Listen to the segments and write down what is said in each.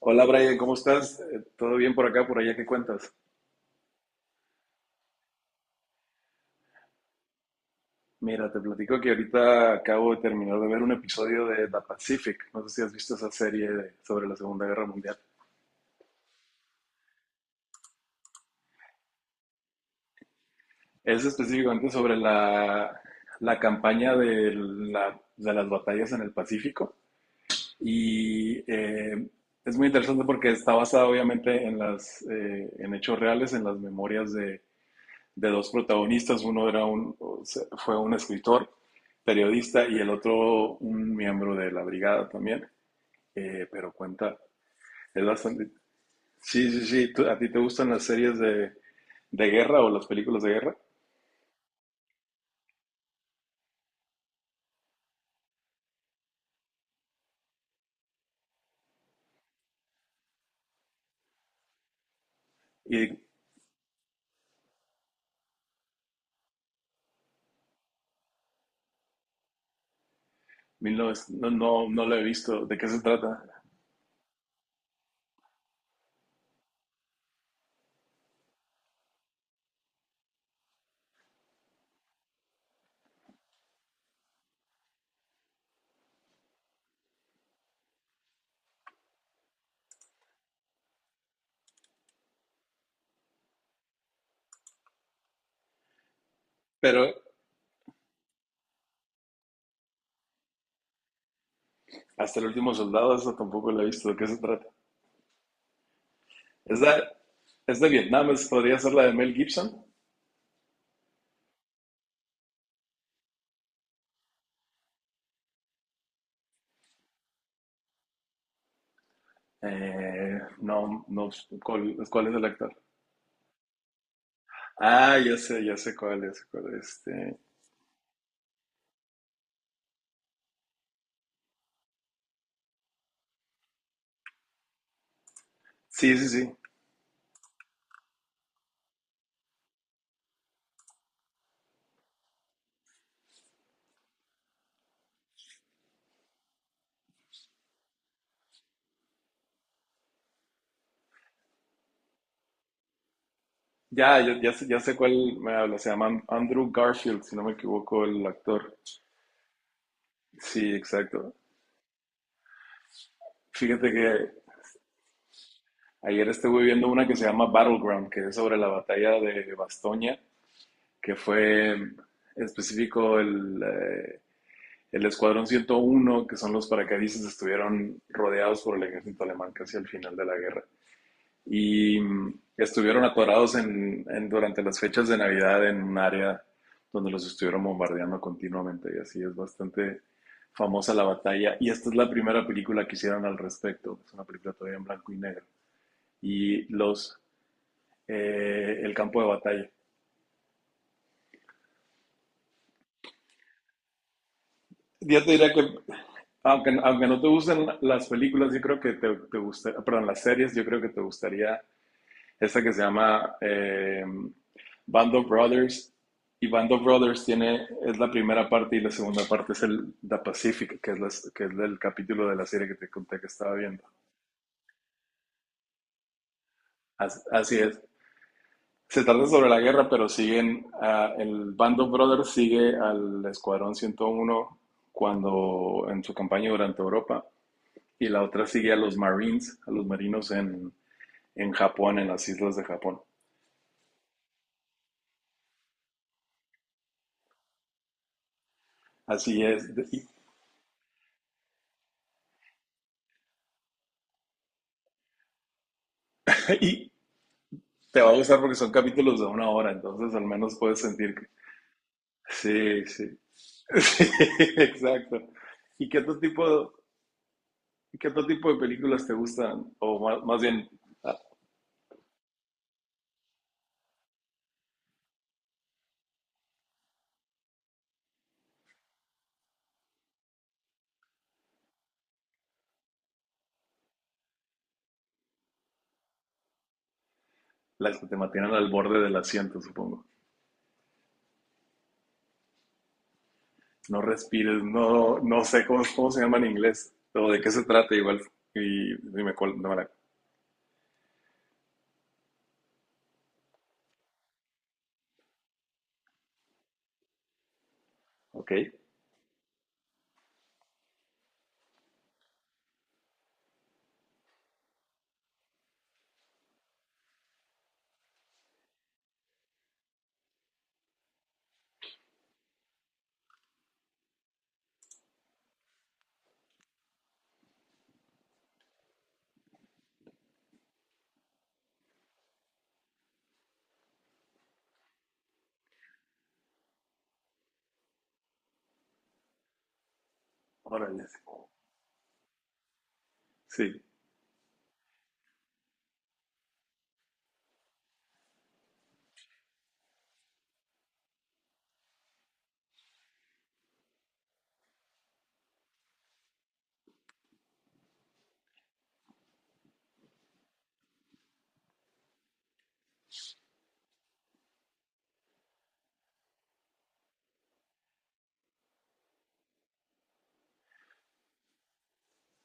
Hola Brian, ¿cómo estás? ¿Todo bien por acá, por allá? ¿Qué cuentas? Mira, te platico que ahorita acabo de terminar de ver un episodio de The Pacific. No sé si has visto esa serie sobre la Segunda Guerra Mundial. Es específicamente sobre la campaña de las batallas en el Pacífico. Y es muy interesante porque está basada obviamente en hechos reales, en las memorias de dos protagonistas, fue un escritor, periodista, y el otro un miembro de la brigada también, pero cuenta, es bastante. Sí, sí, sí, ¿a ti te gustan las series de guerra o las películas de guerra? Y 1900 no, no, no la he visto, ¿de qué se trata? Pero hasta el último soldado, esa tampoco la he visto, ¿de qué se trata? Es de, es de Vietnam, podría ser la de Mel Gibson. No, no, ¿cuál es el actor? Ah, ya sé cuál, ya sé cuál. Sí, sí, sí. Ya, ya, ya sé cuál me habla. Se llama Andrew Garfield, si no me equivoco, el actor. Sí, exacto. Fíjate que ayer estuve viendo una que se llama Battleground, que es sobre la batalla de Bastoña, que fue en específico el Escuadrón 101, que son los paracaidistas, estuvieron rodeados por el ejército alemán casi al final de la guerra. Y estuvieron atorados en- durante las fechas de Navidad en un área donde los estuvieron bombardeando continuamente y así es bastante famosa la batalla, y esta es la primera película que hicieron al respecto. Es una película todavía en blanco y negro y los el campo de batalla. Yo te diría que aunque no te gusten las películas, yo creo que perdón, las series, yo creo que te gustaría esta que se llama Band of Brothers. Y Band of Brothers tiene, es la primera parte y la segunda parte es el The Pacific, que es el capítulo de la serie que te conté que estaba viendo. Así, es. Se trata sobre la guerra, pero siguen, el Band of Brothers sigue al Escuadrón 101 cuando en su campaña durante Europa, y la otra sigue a los Marines, a los marinos en Japón, en las islas de Japón. Así es. Y te va a gustar porque son capítulos de una hora, entonces al menos puedes sentir que. Sí, sí. Sí, exacto. ¿Y qué otro tipo, qué otro tipo de películas te gustan? O más, más bien, ah, las que te mantienen al borde del asiento, supongo. No respires, no, no sé cómo se llama en inglés, o de qué se trata igual. Y dime cuál, no me la. Ok, órale. Sí,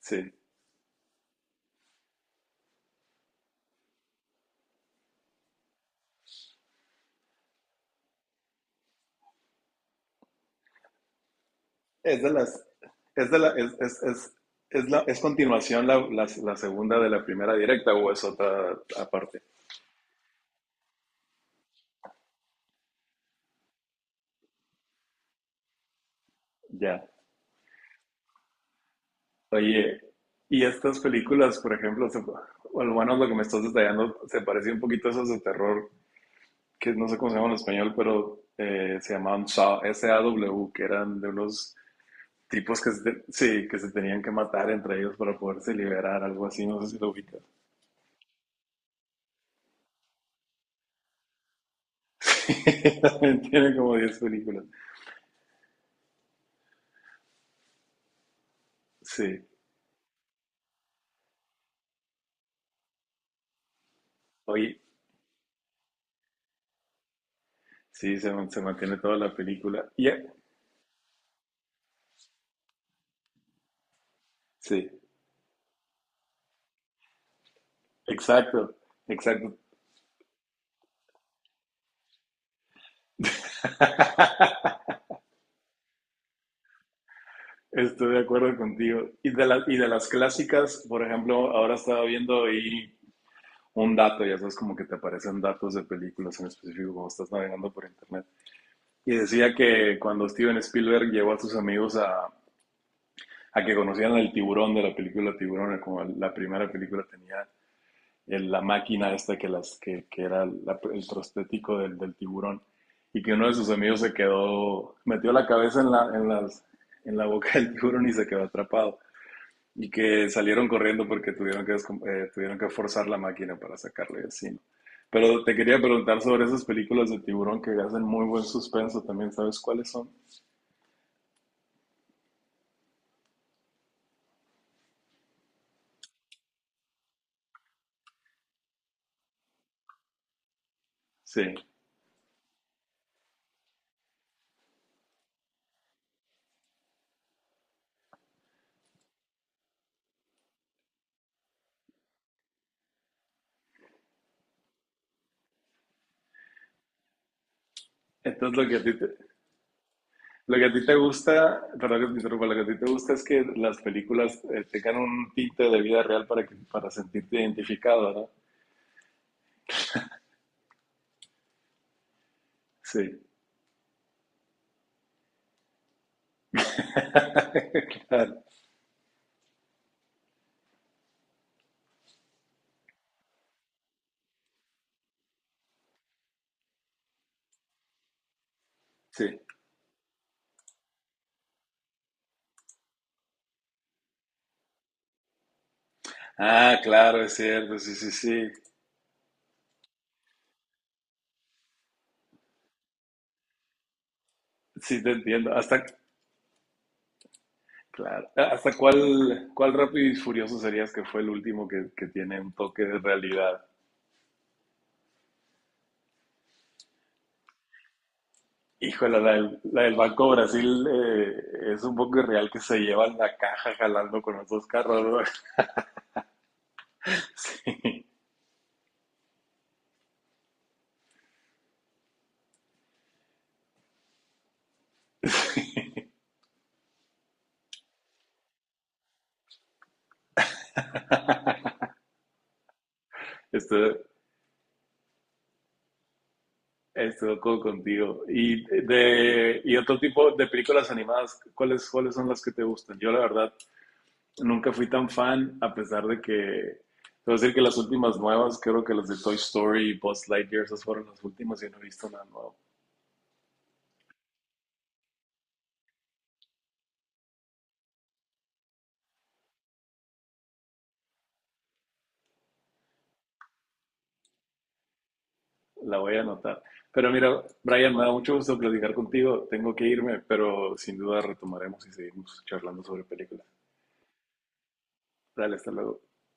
sí. Es de las, es de la, es, es, es, es continuación la segunda de la primera directa, o es otra aparte. Ya. Oye, y estas películas, por ejemplo, o al menos lo que me estás detallando, se parecía un poquito a esas de terror, que no sé cómo se llaman en español, pero se llamaban SAW, S A W, que eran de unos tipos que sí, que se tenían que matar entre ellos para poderse liberar, algo así, no sé si lo ubicas. También tiene como 10 películas. Sí. Oye, sí, se mantiene toda la película. Y, sí, exacto, exacto. Estoy de acuerdo contigo. Y de las clásicas, por ejemplo, ahora estaba viendo ahí un dato, ya sabes, como que te aparecen datos de películas en específico cuando estás navegando por internet. Y decía que cuando Steven Spielberg llevó a sus amigos a que conocieran el tiburón de la película Tiburón, como la primera película tenía la máquina esta que era el prostético del tiburón, y que uno de sus amigos se quedó, metió la cabeza en la boca del tiburón y se quedó atrapado. Y que salieron corriendo porque tuvieron que forzar la máquina para sacarlo y así, ¿no? Pero te quería preguntar sobre esas películas de tiburón, que hacen muy buen suspenso también, ¿sabes cuáles son? Sí, entonces lo que a ti te, lo que a ti te gusta, perdón que te interrumpa, lo que a ti te gusta es que las películas tengan un tinte de vida real para que, para sentirte identificado, ¿verdad? Sí. Claro, sí. Ah, claro, es cierto, sí, sí, sí. Sí, te entiendo. Claro, ¿hasta cuál Rápido y Furioso serías que fue el último que tiene un toque de realidad? Híjole, la del Banco Brasil es un poco irreal que se llevan la caja jalando con los dos carros, ¿no? Sí, estoy, Estoy de acuerdo contigo. Y otro tipo de películas animadas, ¿cuáles son las que te gustan? Yo la verdad nunca fui tan fan, a pesar de que, te voy a decir que las últimas nuevas, creo que las de Toy Story y Buzz Lightyear, esas fueron las últimas y no he visto nada nuevo. La voy a anotar. Pero mira, Brian, me da mucho gusto platicar contigo. Tengo que irme, pero sin duda retomaremos y seguimos charlando sobre películas. Dale, hasta luego.